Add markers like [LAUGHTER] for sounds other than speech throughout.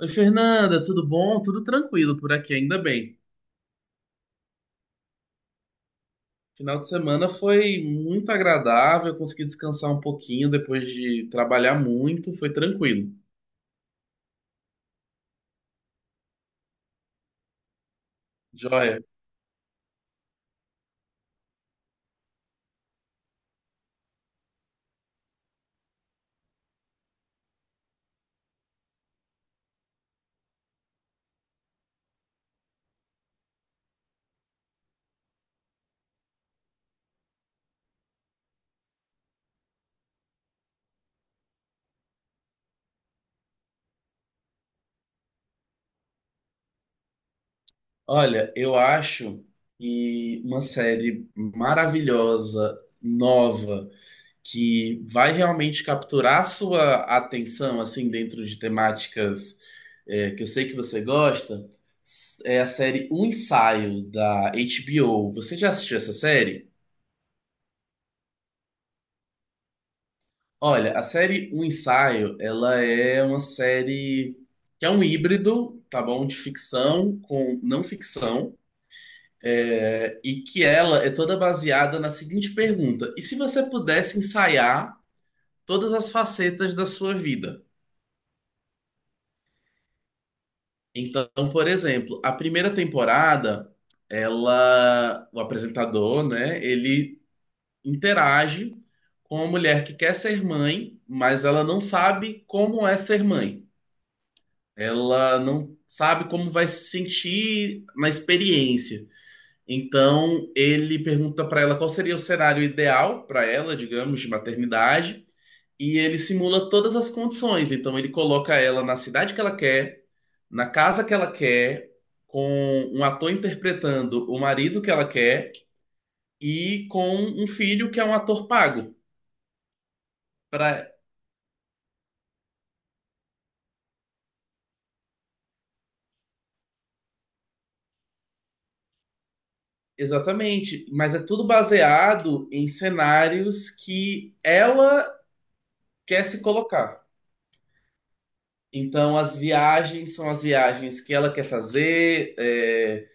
Oi, Fernanda, tudo bom? Tudo tranquilo por aqui, ainda bem. Final de semana foi muito agradável, consegui descansar um pouquinho depois de trabalhar muito, foi tranquilo. Joia. Olha, eu acho que uma série maravilhosa, nova, que vai realmente capturar a sua atenção, assim, dentro de temáticas, que eu sei que você gosta, é a série Um Ensaio, da HBO. Você já assistiu essa série? Olha, a série O Ensaio, ela é uma série que é um híbrido, tá bom? De ficção com não ficção, e que ela é toda baseada na seguinte pergunta: e se você pudesse ensaiar todas as facetas da sua vida? Então, por exemplo, a primeira temporada, ela, o apresentador, né, ele interage com uma mulher que quer ser mãe, mas ela não sabe como é ser mãe. Ela não sabe como vai se sentir na experiência. Então, ele pergunta para ela qual seria o cenário ideal para ela, digamos, de maternidade, e ele simula todas as condições. Então, ele coloca ela na cidade que ela quer, na casa que ela quer, com um ator interpretando o marido que ela quer e com um filho que é um ator pago. Pra... Exatamente, mas é tudo baseado em cenários que ela quer se colocar. Então, as viagens são as viagens que ela quer fazer,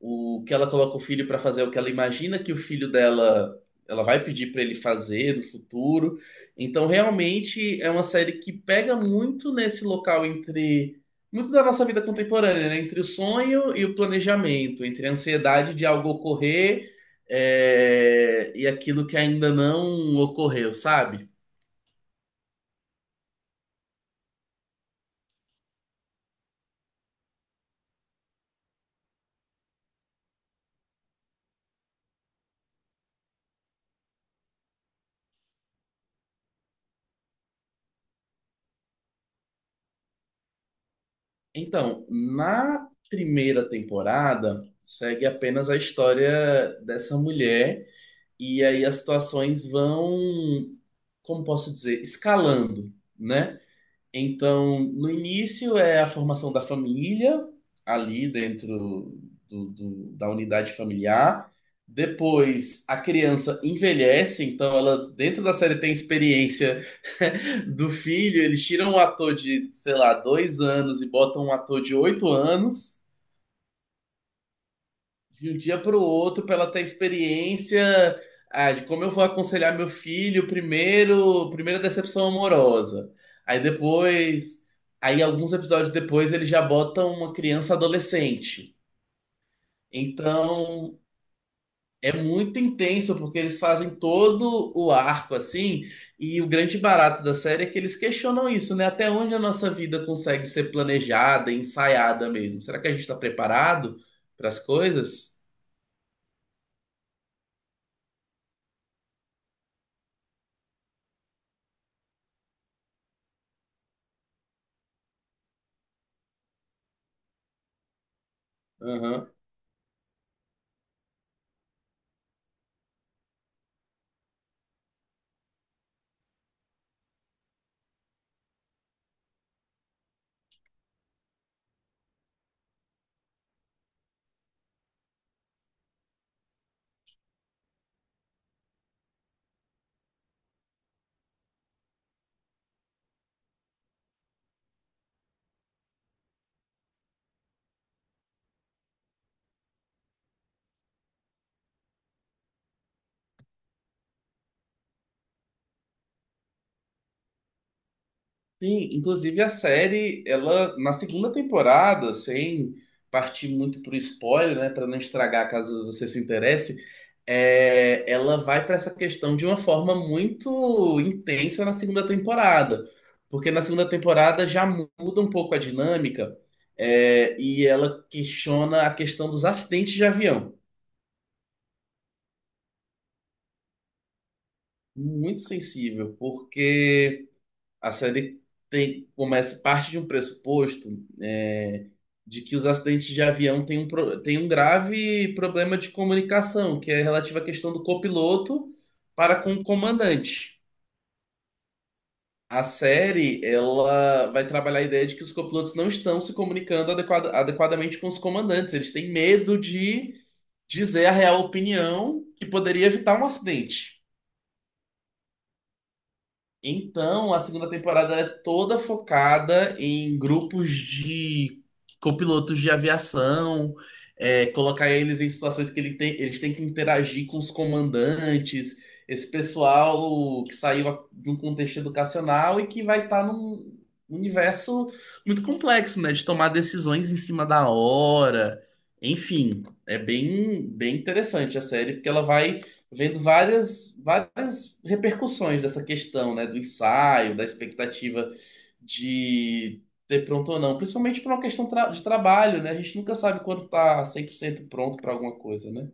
o que ela coloca o filho para fazer, é o que ela imagina que o filho dela ela vai pedir para ele fazer no futuro. Então, realmente é uma série que pega muito nesse local entre muito da nossa vida contemporânea, né? Entre o sonho e o planejamento, entre a ansiedade de algo ocorrer, e aquilo que ainda não ocorreu, sabe? Então, na primeira temporada, segue apenas a história dessa mulher, e aí as situações vão, como posso dizer, escalando, né? Então, no início é a formação da família, ali dentro da unidade familiar. Depois a criança envelhece, então ela, dentro da série, tem experiência [LAUGHS] do filho. Eles tiram um ator de, sei lá, dois anos e botam um ator de oito anos de um dia para o outro, para ela ter experiência de como eu vou aconselhar meu filho primeiro, primeira decepção amorosa. Aí depois, aí alguns episódios depois eles já botam uma criança adolescente. Então é muito intenso porque eles fazem todo o arco assim, e o grande barato da série é que eles questionam isso, né? Até onde a nossa vida consegue ser planejada, ensaiada mesmo? Será que a gente está preparado para as coisas? Sim, inclusive a série, ela na segunda temporada, sem partir muito pro spoiler, né, para não estragar caso você se interesse, ela vai para essa questão de uma forma muito intensa na segunda temporada, porque na segunda temporada já muda um pouco a dinâmica, e ela questiona a questão dos acidentes de avião, muito sensível, porque a série tem, começa, parte de um pressuposto, é, de que os acidentes de avião têm um, têm um grave problema de comunicação, que é relativo à questão do copiloto para com o comandante. A série, ela vai trabalhar a ideia de que os copilotos não estão se comunicando adequadamente com os comandantes. Eles têm medo de dizer a real opinião que poderia evitar um acidente. Então, a segunda temporada é toda focada em grupos de copilotos de aviação, é, colocar eles em situações que eles têm que interagir com os comandantes, esse pessoal que saiu de um contexto educacional e que vai estar num universo muito complexo, né? De tomar decisões em cima da hora. Enfim, é bem, bem interessante a série, porque ela vai vendo várias, várias repercussões dessa questão, né, do ensaio, da expectativa de ter pronto ou não, principalmente por uma questão de trabalho, né? A gente nunca sabe quando tá 100% pronto para alguma coisa, né?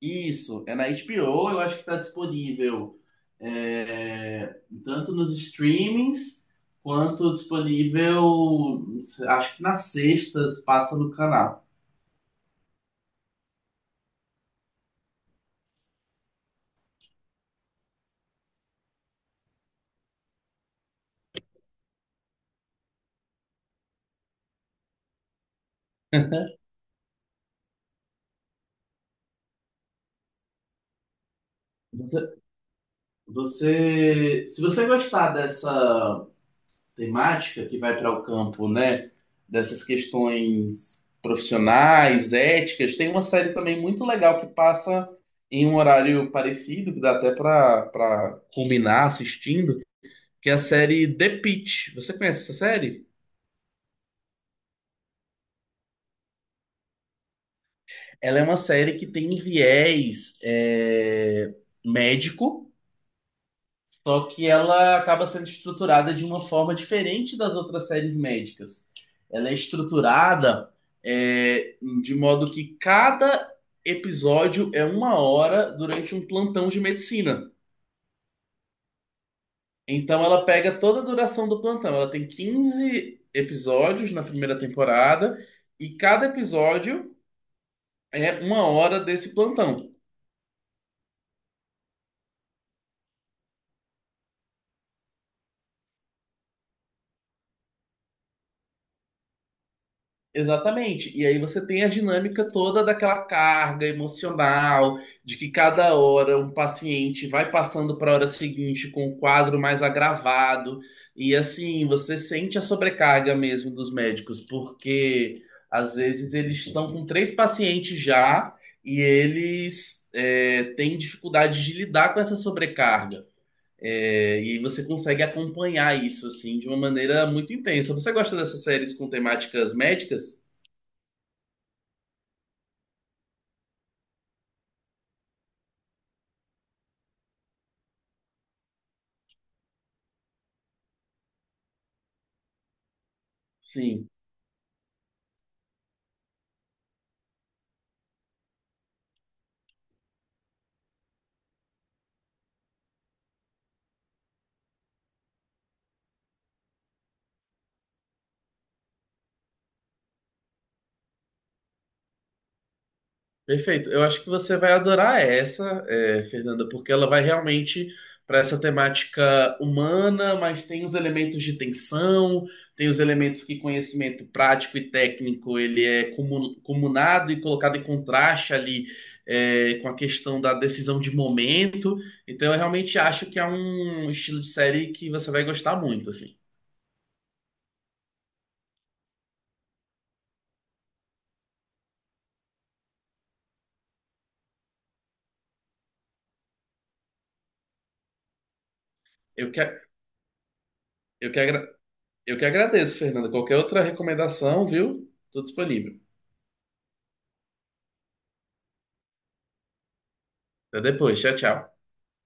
Isso, é na HBO, eu acho que tá disponível tanto nos streamings quanto disponível, acho que nas sextas passa no canal. Você, Se você gostar dessa temática que vai para o campo, né, dessas questões profissionais, éticas. Tem uma série também muito legal que passa em um horário parecido, que dá até para combinar assistindo, que é a série The Pitt. Você conhece essa série? Ela é uma série que tem viés médico. Só que ela acaba sendo estruturada de uma forma diferente das outras séries médicas. Ela é estruturada é, de modo que cada episódio é uma hora durante um plantão de medicina. Então ela pega toda a duração do plantão. Ela tem 15 episódios na primeira temporada e cada episódio é uma hora desse plantão. Exatamente. E aí você tem a dinâmica toda daquela carga emocional, de que cada hora um paciente vai passando para a hora seguinte com um quadro mais agravado. E assim, você sente a sobrecarga mesmo dos médicos, porque às vezes eles estão com três pacientes já e eles têm dificuldade de lidar com essa sobrecarga. É, e você consegue acompanhar isso assim de uma maneira muito intensa. Você gosta dessas séries com temáticas médicas? Sim, perfeito. Eu acho que você vai adorar essa, é, Fernanda, porque ela vai realmente para essa temática humana, mas tem os elementos de tensão, tem os elementos que conhecimento prático e técnico ele é comunado e colocado em contraste ali com a questão da decisão de momento. Então, eu realmente acho que é um estilo de série que você vai gostar muito, assim. Eu que, eu que, agra- eu que agradeço, Fernanda. Qualquer outra recomendação, viu? Tô disponível. Até depois. Tchau, tchau.